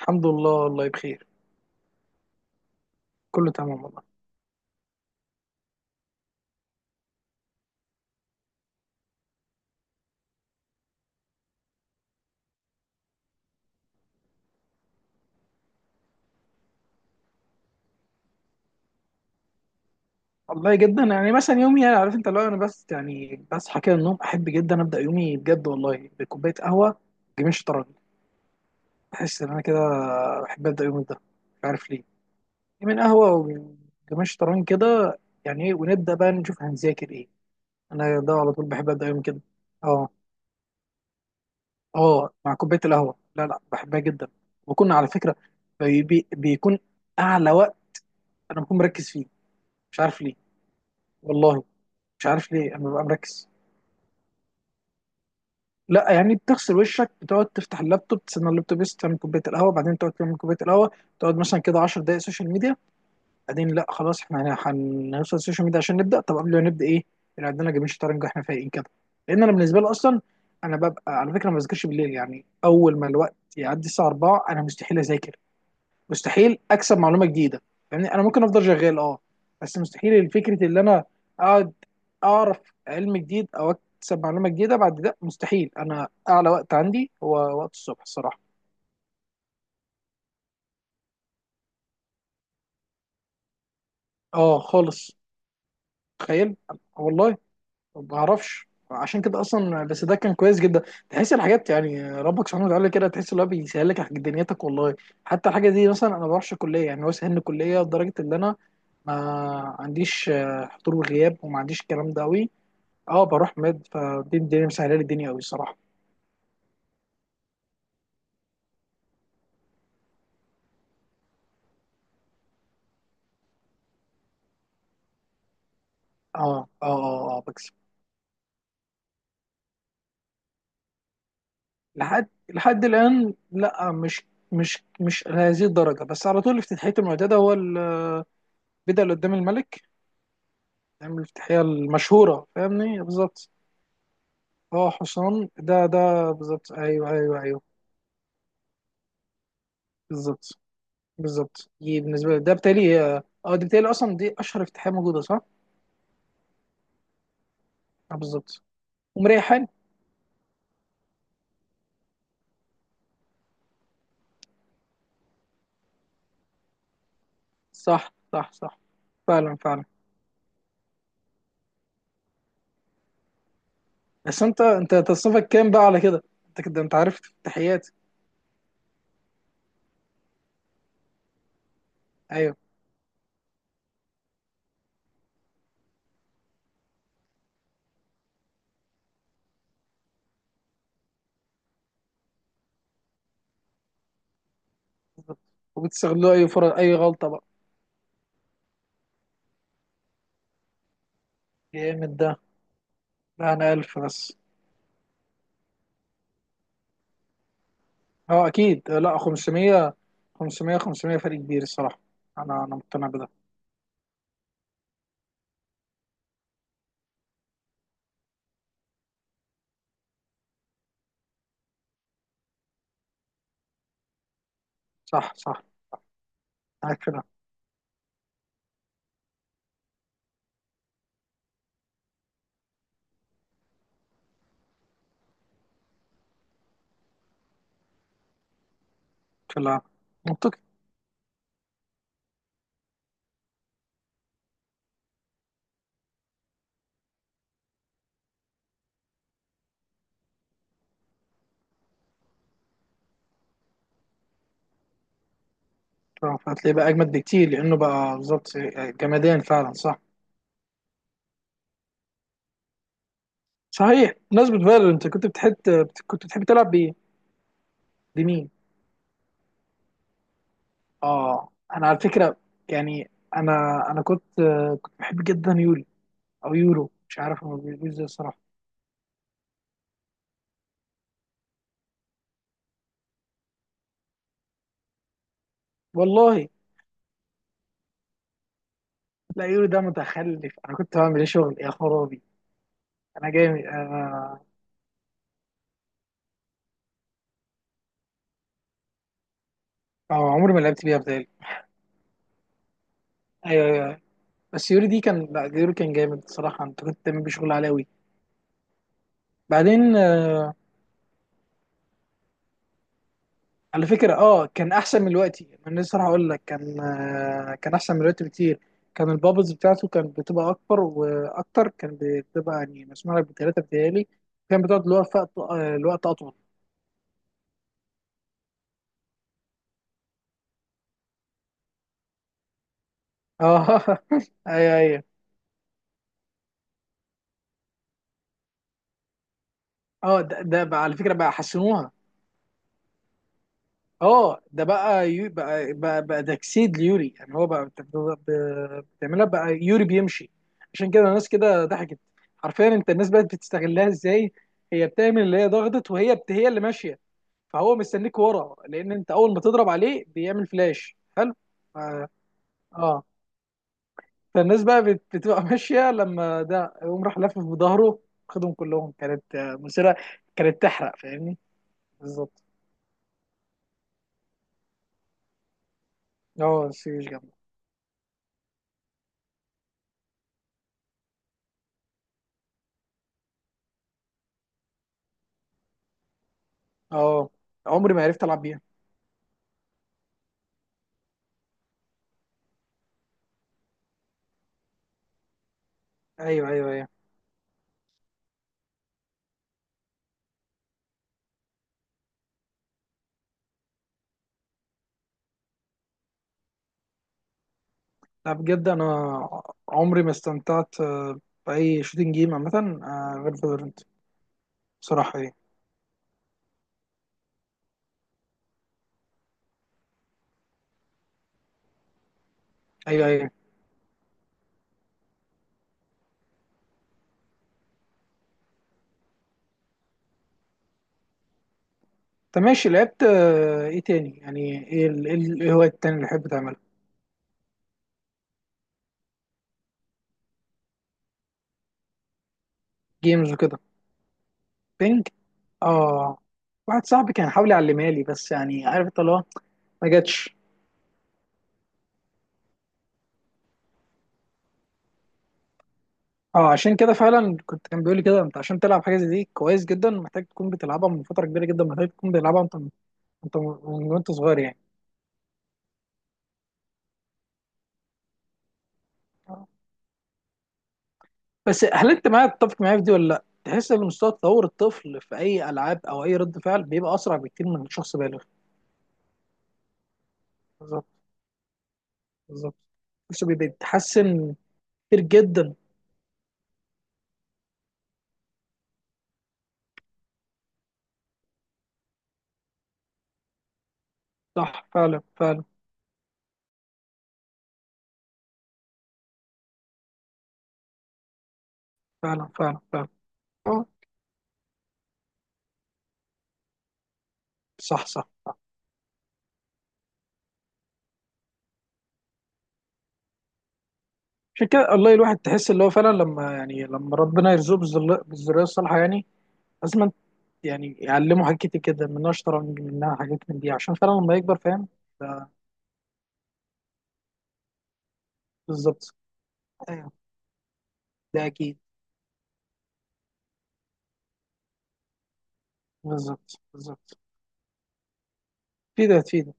الحمد لله. والله بخير. كله تمام والله. والله جدا يعني مثلا يومي، يعني عارف انت، لو انا بس يعني بصحى كده من النوم، احب جدا ابدا يومي بجد والله بكوبايه قهوه، جميل، شطرنج. بحس ان انا كده بحب ابدا يومي ده، مش عارف ليه، من قهوه ومن جميل، شطرنج كده يعني، ايه، ونبدا بقى نشوف هنذاكر ايه. انا ده على طول بحب ابدا يومي كده. اه. اه مع كوبايه القهوه، لا لا، بحبها جدا. وكنا على فكره بي بي بيكون اعلى وقت انا بكون مركز فيه، مش عارف ليه والله. مش عارف ليه انا ببقى مركز. لا يعني بتغسل وشك، بتقعد تفتح اللابتوب، تستنى اللابتوب بس تعمل كوبايه القهوه، بعدين تقعد تعمل كوبايه القهوه، تقعد مثلا كده 10 دقائق سوشيال ميديا، بعدين لا خلاص، احنا هنوصل السوشيال ميديا عشان نبدا. طب قبل ما نبدا ايه اللي عندنا؟ جيمين شطرنج، احنا فايقين كده. لان انا بالنسبه لي اصلا انا ببقى، على فكره، ما بذاكرش بالليل. يعني اول ما الوقت يعدي الساعه 4 انا مستحيل اذاكر، مستحيل اكسب معلومه جديده. يعني انا ممكن افضل شغال، اه، بس مستحيل فكره اللي انا اقعد اعرف علم جديد او اكسب معلومه جديده بعد ده. مستحيل. انا اعلى وقت عندي هو وقت الصبح الصراحه. اه خالص. تخيل. والله ما بعرفش عشان كده اصلا، بس ده كان كويس جدا. تحس الحاجات، يعني ربك سبحانه وتعالى كده تحس ان هو بيسهل لك دنيتك والله. حتى الحاجه دي مثلا، انا ما بروحش كليه، يعني هو سهل الكليه لدرجه ان انا ما عنديش حضور وغياب، وما عنديش الكلام ده قوي. اه. بروح مد، فدي الدنيا مسهله لي الدنيا قوي الصراحه. اه اه اه اه بكسب. لحد الان لا، مش لهذه الدرجه، بس على طول افتتاحيه المعتاده هو البدا اللي قدام الملك، نعمل الافتتاحيه المشهوره، فاهمني؟ بالظبط. اه حصان، ده بالظبط. ايوه ايوه ايوه. بالظبط بالظبط، دي بالنسبه لي ده بتالي، اه، دي بتالي اصلا، دي اشهر افتتاحيه موجوده، صح؟ اه بالظبط. ومريحان. صح صح صح. فعلا فعلا. بس انت، انت تصنيفك كام بقى على كده، انت كده انت عارف؟ تحياتي. ايوه. بالظبط. وبتستغلوا اي فرص، اي غلطه بقى. جامد ده. لا انا 1000 بس. اه اكيد، لا 500، 500، 500 فرق كبير الصراحه. انا مقتنع بده. صح صح. معاك في ده. في لا. منطقي. هتلاقيه بقى اجمد بكتير لانه بقى بالظبط. جمادان، فعلا، صح. صحيح، بمناسبة فالور انت، كنت بتحب تلعب بايه؟ بمين؟ اه انا على فكرة يعني، انا انا كنت بحب جدا يوليو، او يورو، مش عارف هو بيقول ازاي الصراحه. والله. لا يورو ده متخلف، انا كنت بعمل ايه شغل يا خرابي. انا جامد، أو عمري ما لعبت بيها بتهيألي. ايوه ايوه أيوة. بس يورو دي كان، لا يورو كان جامد الصراحه، انت كنت بتعمل بيه شغل عالي أوي. بعدين على فكره، اه كان احسن من الوقت، انا لسه راح اقول لك، كان، كان احسن من الوقت بكتير. كان البابلز بتاعته كانت بتبقى اكبر واكتر، كان بتبقى يعني مسموع لك بثلاثه بتهيألي. كان بتقعد، الوقت اطول. اه ايوه ايوه. اه ده بقى على فكره بقى حسنوها. اه ده بقى يو بقى بقى تجسيد ليوري يعني، هو بقى بتعملها بقى، يوري بيمشي. عشان كده الناس كده ضحكت. حرفيا انت الناس بقت بتستغلها ازاي. هي بتعمل اللي هي ضغطت، وهي بت... هي اللي ماشيه. فهو مستنيك ورا، لان انت اول ما تضرب عليه بيعمل فلاش حلو. اه. آه. فالناس بقى بتبقى ماشيه لما ده يقوم راح لافف بظهره. خدهم كلهم. كانت مسيره، كانت تحرق، فاهمني، بالظبط. اه سيج. اه عمري ما عرفت العب بيها. ايوه ايوه ايوه. لا بجد انا عمري ما استمتعت باي شوتنج جيم عامه، غير فالورنت بصراحه يعني. ايوه ايوه. طب ماشي، لعبت ايه تاني يعني، ايه ايه ايه هو التاني اللي بحب تعمله؟ جيمز وكده. بينج. اه، واحد صاحبي كان حاول يعلمها لي، بس يعني عارف انت اللي هو ما جاتش. اه عشان كده فعلا كنت، كان بيقول لي كده، انت عشان تلعب حاجه زي دي كويس جدا محتاج تكون بتلعبها من فتره كبيره جدا، محتاج تكون بتلعبها انت، انت من وانت صغير يعني. بس هل انت معايا، تتفق معايا في دي ولا لا؟ تحس ان مستوى تطور الطفل في اي العاب او اي رد فعل بيبقى اسرع بكتير من شخص بالغ. بالظبط بالظبط. بس بيتحسن كتير جدا. صح فعلا فعلا فعلا. فعلا فعلا. اه. صح صح. عشان كده والله الواحد تحس اللي هو فعلا لما يعني، لما ربنا يرزقه بالذريه الصالحه، يعني لازم يعني يعلمه حاجات كتير جدا، منها شطرنج، منها حاجات من دي، عشان فعلا لما يكبر فاهم ده، بالظبط. ايوه. ده اكيد. بالظبط بالظبط. في ده، في ده.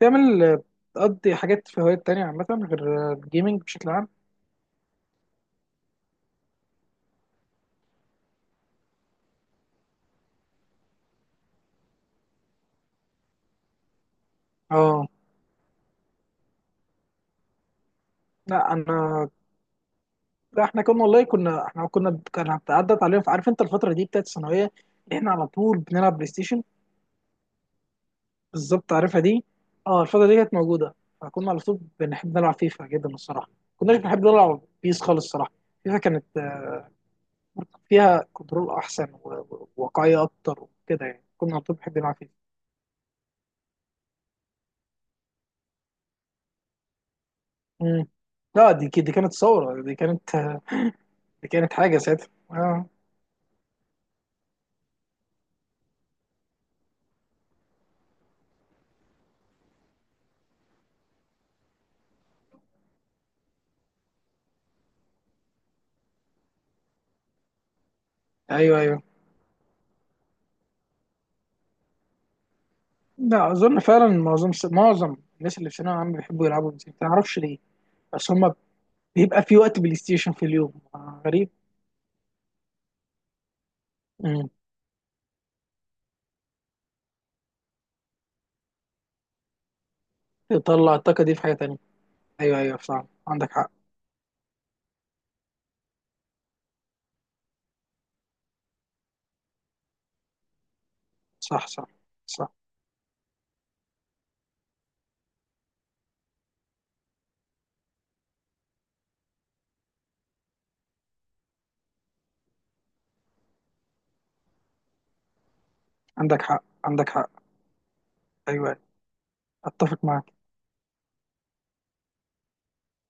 بتعمل، بتقضي حاجات في هوايات تانية عامة غير الجيمنج بشكل عام؟ اه لا انا. لا احنا كنا والله، كنا احنا، كان عدت علينا عارف انت الفترة دي بتاعت الثانوية، اللي احنا على طول بنلعب بلاي ستيشن. بالظبط، عارفها دي. اه الفترة دي كانت موجودة. فكنا على طول بنحب نلعب فيفا جدا الصراحة، كناش بنحب نلعب بيس خالص الصراحة. فيفا كانت، فيها كنترول احسن وواقعية اكتر وكده يعني، كنا على طول بنحب نلعب فيفا. مم. لا دي كانت ثورة، دي كانت دي كانت حاجة ساعتها اه. ايوه ايوه. لا اظن فعلا معظم الناس اللي في ثانوية عامة بيحبوا يلعبوا بلاي ستيشن ما اعرفش ليه، بس هما بيبقى في وقت بلاي ستيشن في اليوم، غريب. امم. تطلع الطاقة دي في حاجة تانية. ايوه ايوه صح عندك حق. صح صح صح. عندك حق عندك حق. ايوه أيوة. اتفق معاك.